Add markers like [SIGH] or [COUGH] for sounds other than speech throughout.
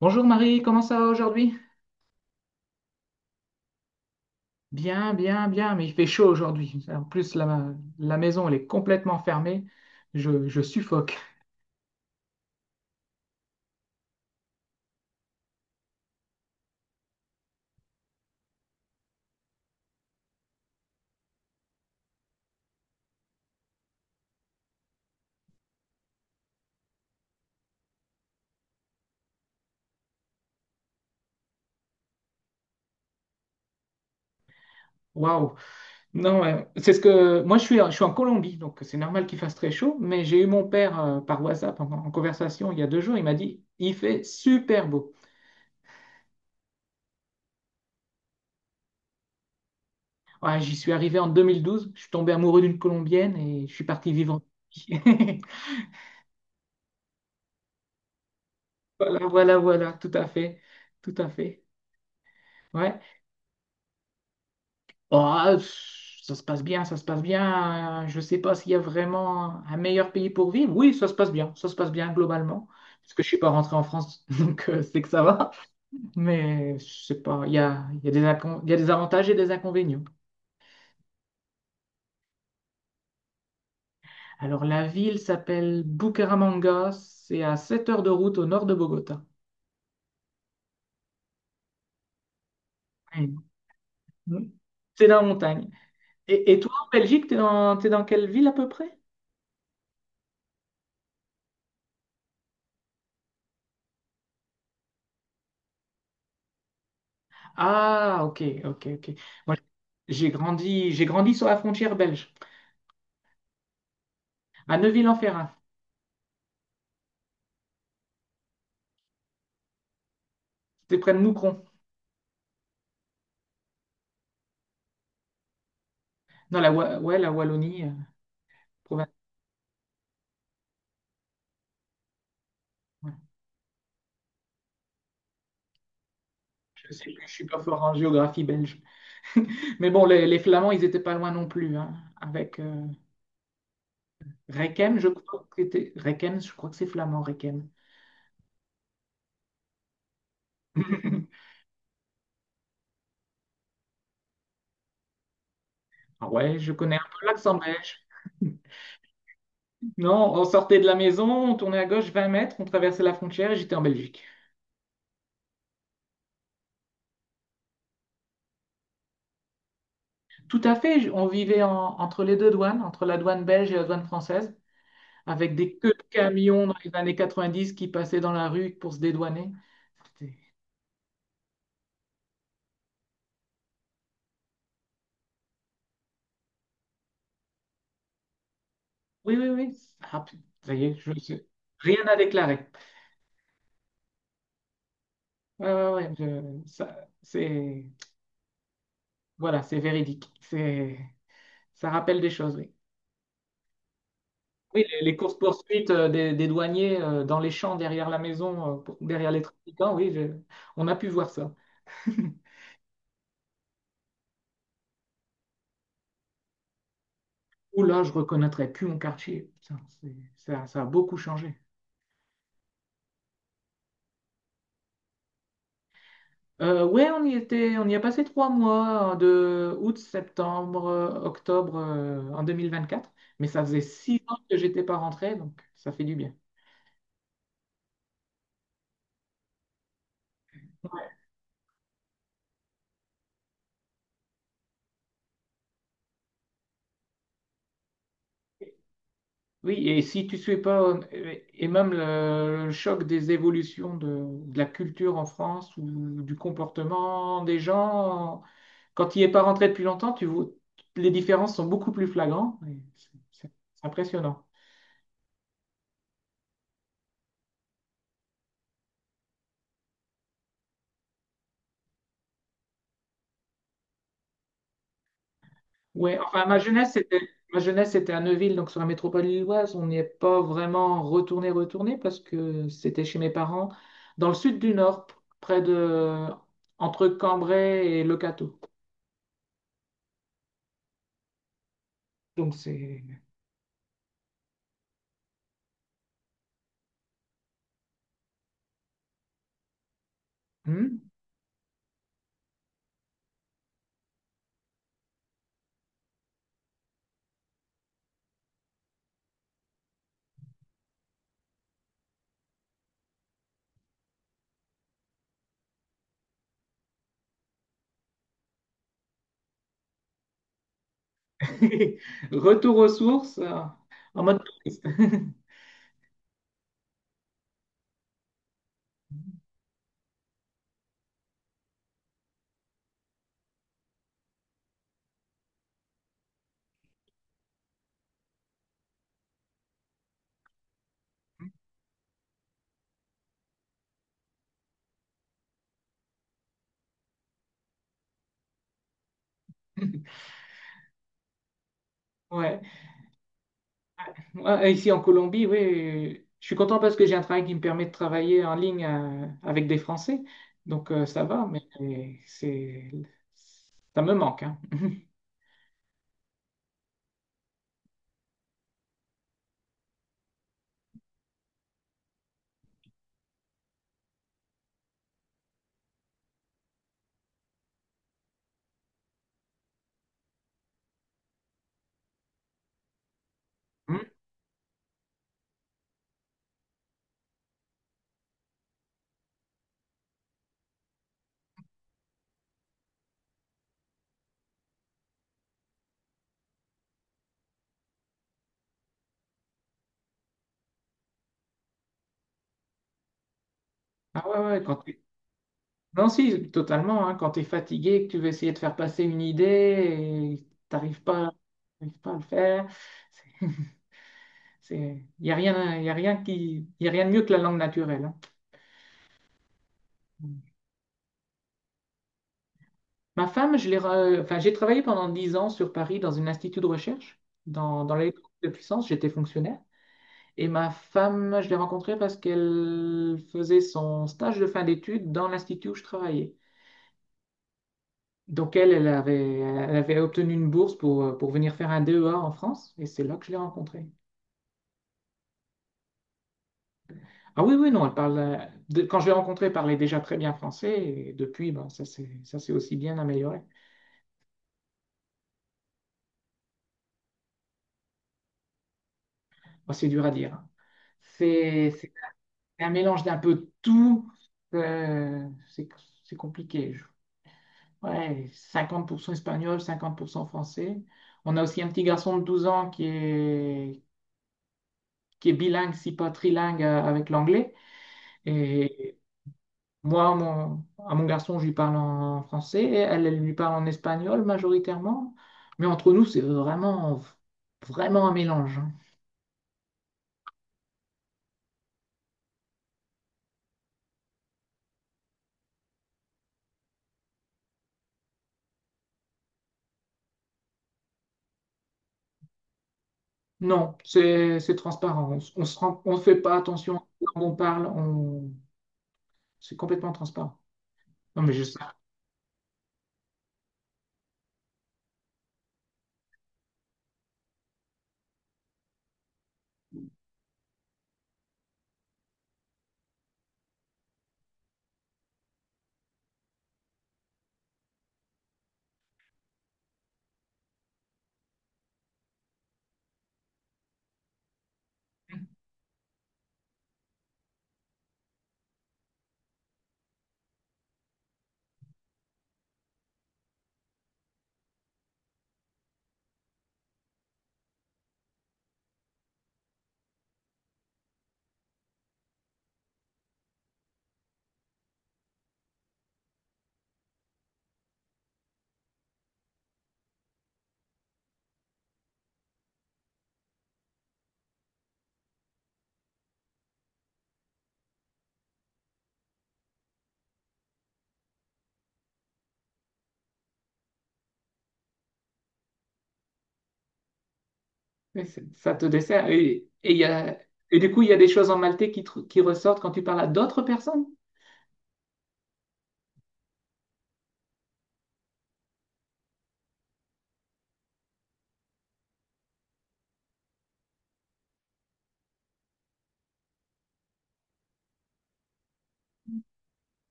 Bonjour Marie, comment ça va aujourd'hui? Bien, bien, bien, mais il fait chaud aujourd'hui. En plus, la maison, elle est complètement fermée. Je suffoque. Waouh! Non, Moi, je suis en Colombie, donc c'est normal qu'il fasse très chaud, mais j'ai eu mon père, par WhatsApp en conversation il y a 2 jours. Il m'a dit, il fait super beau. Ouais, j'y suis arrivé en 2012. Je suis tombé amoureux d'une Colombienne et je suis parti vivre en Colombie. [LAUGHS] Voilà, voilà, voilà, tout à fait, tout à fait. Ouais. Ah, ça se passe bien, ça se passe bien. Je ne sais pas s'il y a vraiment un meilleur pays pour vivre. Oui, ça se passe bien, ça se passe bien globalement. Parce que je ne suis pas rentré en France, [LAUGHS] donc c'est que ça va. Mais je sais pas, il y a des avantages et des inconvénients. Alors la ville s'appelle Bucaramanga, c'est à 7 heures de route au nord de Bogota. Oui. Mm. C'est dans la montagne. Et toi, en Belgique, t'es dans quelle ville à peu près? Ah, ok, ok, ok. Moi, j'ai grandi sur la frontière belge. À Neuville-en-Ferrain, c'était près de Moucron, ouais, la Wallonie, province. Ouais. Je sais plus, je suis pas fort en géographie belge. [LAUGHS] Mais bon, les Flamands, ils étaient pas loin non plus, hein, avec Rekem, je crois que c'était Rekem, je crois que c'est flamand, Rekem. [LAUGHS] Ah, Ouais, je connais un peu l'accent belge. [LAUGHS] Non, on sortait de la maison, on tournait à gauche 20 mètres, on traversait la frontière et j'étais en Belgique. Tout à fait, on vivait entre les deux douanes, entre la douane belge et la douane française, avec des queues de camions dans les années 90 qui passaient dans la rue pour se dédouaner. C'était- Oui, oui, oui. Ah, ça y est, je sais. Rien à déclarer. Ouais, ouais, ouais, ça, c'est, voilà, c'est véridique. Ça rappelle des choses, oui. Oui, les courses-poursuites, des douaniers, dans les champs derrière la maison, derrière les trafiquants, oui, on a pu voir ça. [LAUGHS] Ou là, je ne reconnaîtrais plus mon quartier. Putain, ça, ça a beaucoup changé. Ouais, on y était, on y a passé 3 mois, hein, de août, septembre, octobre, en 2024, mais ça faisait 6 ans que j'étais pas rentré, donc ça fait du bien. Oui, et si tu suis pas, et même le choc des évolutions de la culture en France ou du comportement des gens, quand tu n'y es pas rentré depuis longtemps, tu vois, les différences sont beaucoup plus flagrantes. Et c'est impressionnant. Ouais, enfin, ma jeunesse, c'était à Neuville, donc sur la métropole lilloise. On n'y est pas vraiment retourné, retourné, parce que c'était chez mes parents, dans le sud du Nord, près de, entre Cambrai et Le Cateau. Donc c'est, Hmm. [LAUGHS] Retour aux sources, en mode touriste. [LAUGHS] Ouais. Moi, ici en Colombie, oui, je suis content parce que j'ai un travail qui me permet de travailler en ligne, avec des Français. Donc ça va, mais c'est ça me manque, hein. [LAUGHS] Hmm. Ah, ouais, ouais, Non, si, totalement, hein, quand tu es fatigué, que tu veux essayer de faire passer une idée et t'arrives pas à le faire, c'est, [LAUGHS] il y a rien, y a rien de mieux que la langue naturelle, hein. Ma femme, enfin, j'ai travaillé pendant 10 ans sur Paris dans un institut de recherche, dans l'électronique de puissance, j'étais fonctionnaire. Et ma femme, je l'ai rencontrée parce qu'elle faisait son stage de fin d'études dans l'institut où je travaillais. Donc elle, elle avait obtenu une bourse pour, pour venir faire un DEA en France, et c'est là que je l'ai rencontrée. Ah oui, oui, non, quand je l'ai rencontrée, elle parlait déjà très bien français, et depuis, ben, ça s'est aussi bien amélioré. Bon, c'est dur à dire, hein. C'est un mélange d'un peu de tout. euh, c'est c'est compliqué. Ouais, 50% espagnol, 50% français. On a aussi un petit garçon de 12 ans qui est bilingue, si pas trilingue, avec l'anglais. Et moi, à mon garçon, je lui parle en français. Et elle, elle lui parle en espagnol majoritairement. Mais entre nous, c'est vraiment, vraiment un mélange, hein. Non, c'est transparent. On, s- se rend- on fait pas attention quand on parle. C'est complètement transparent. Non, mais juste, oui, ça te dessert. Et et du coup, il y a des choses en maltais qui ressortent quand tu parles à d'autres personnes?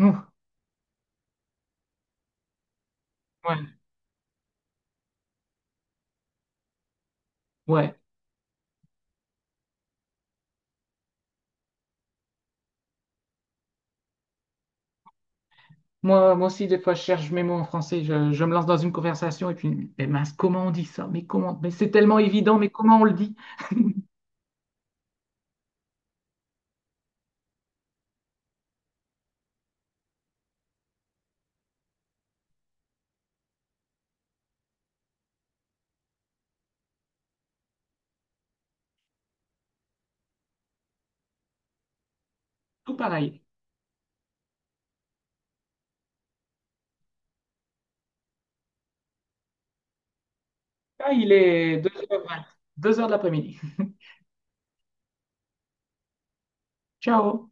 Ouh, ouais, ouais. Moi, moi aussi, des fois, je cherche mes mots en français. Je me lance dans une conversation et puis, mais mince, comment on dit ça? Mais comment? Mais c'est tellement évident, mais comment on le dit? Tout pareil. Là, il est deux heures 20, 2h de l'après-midi. Ciao!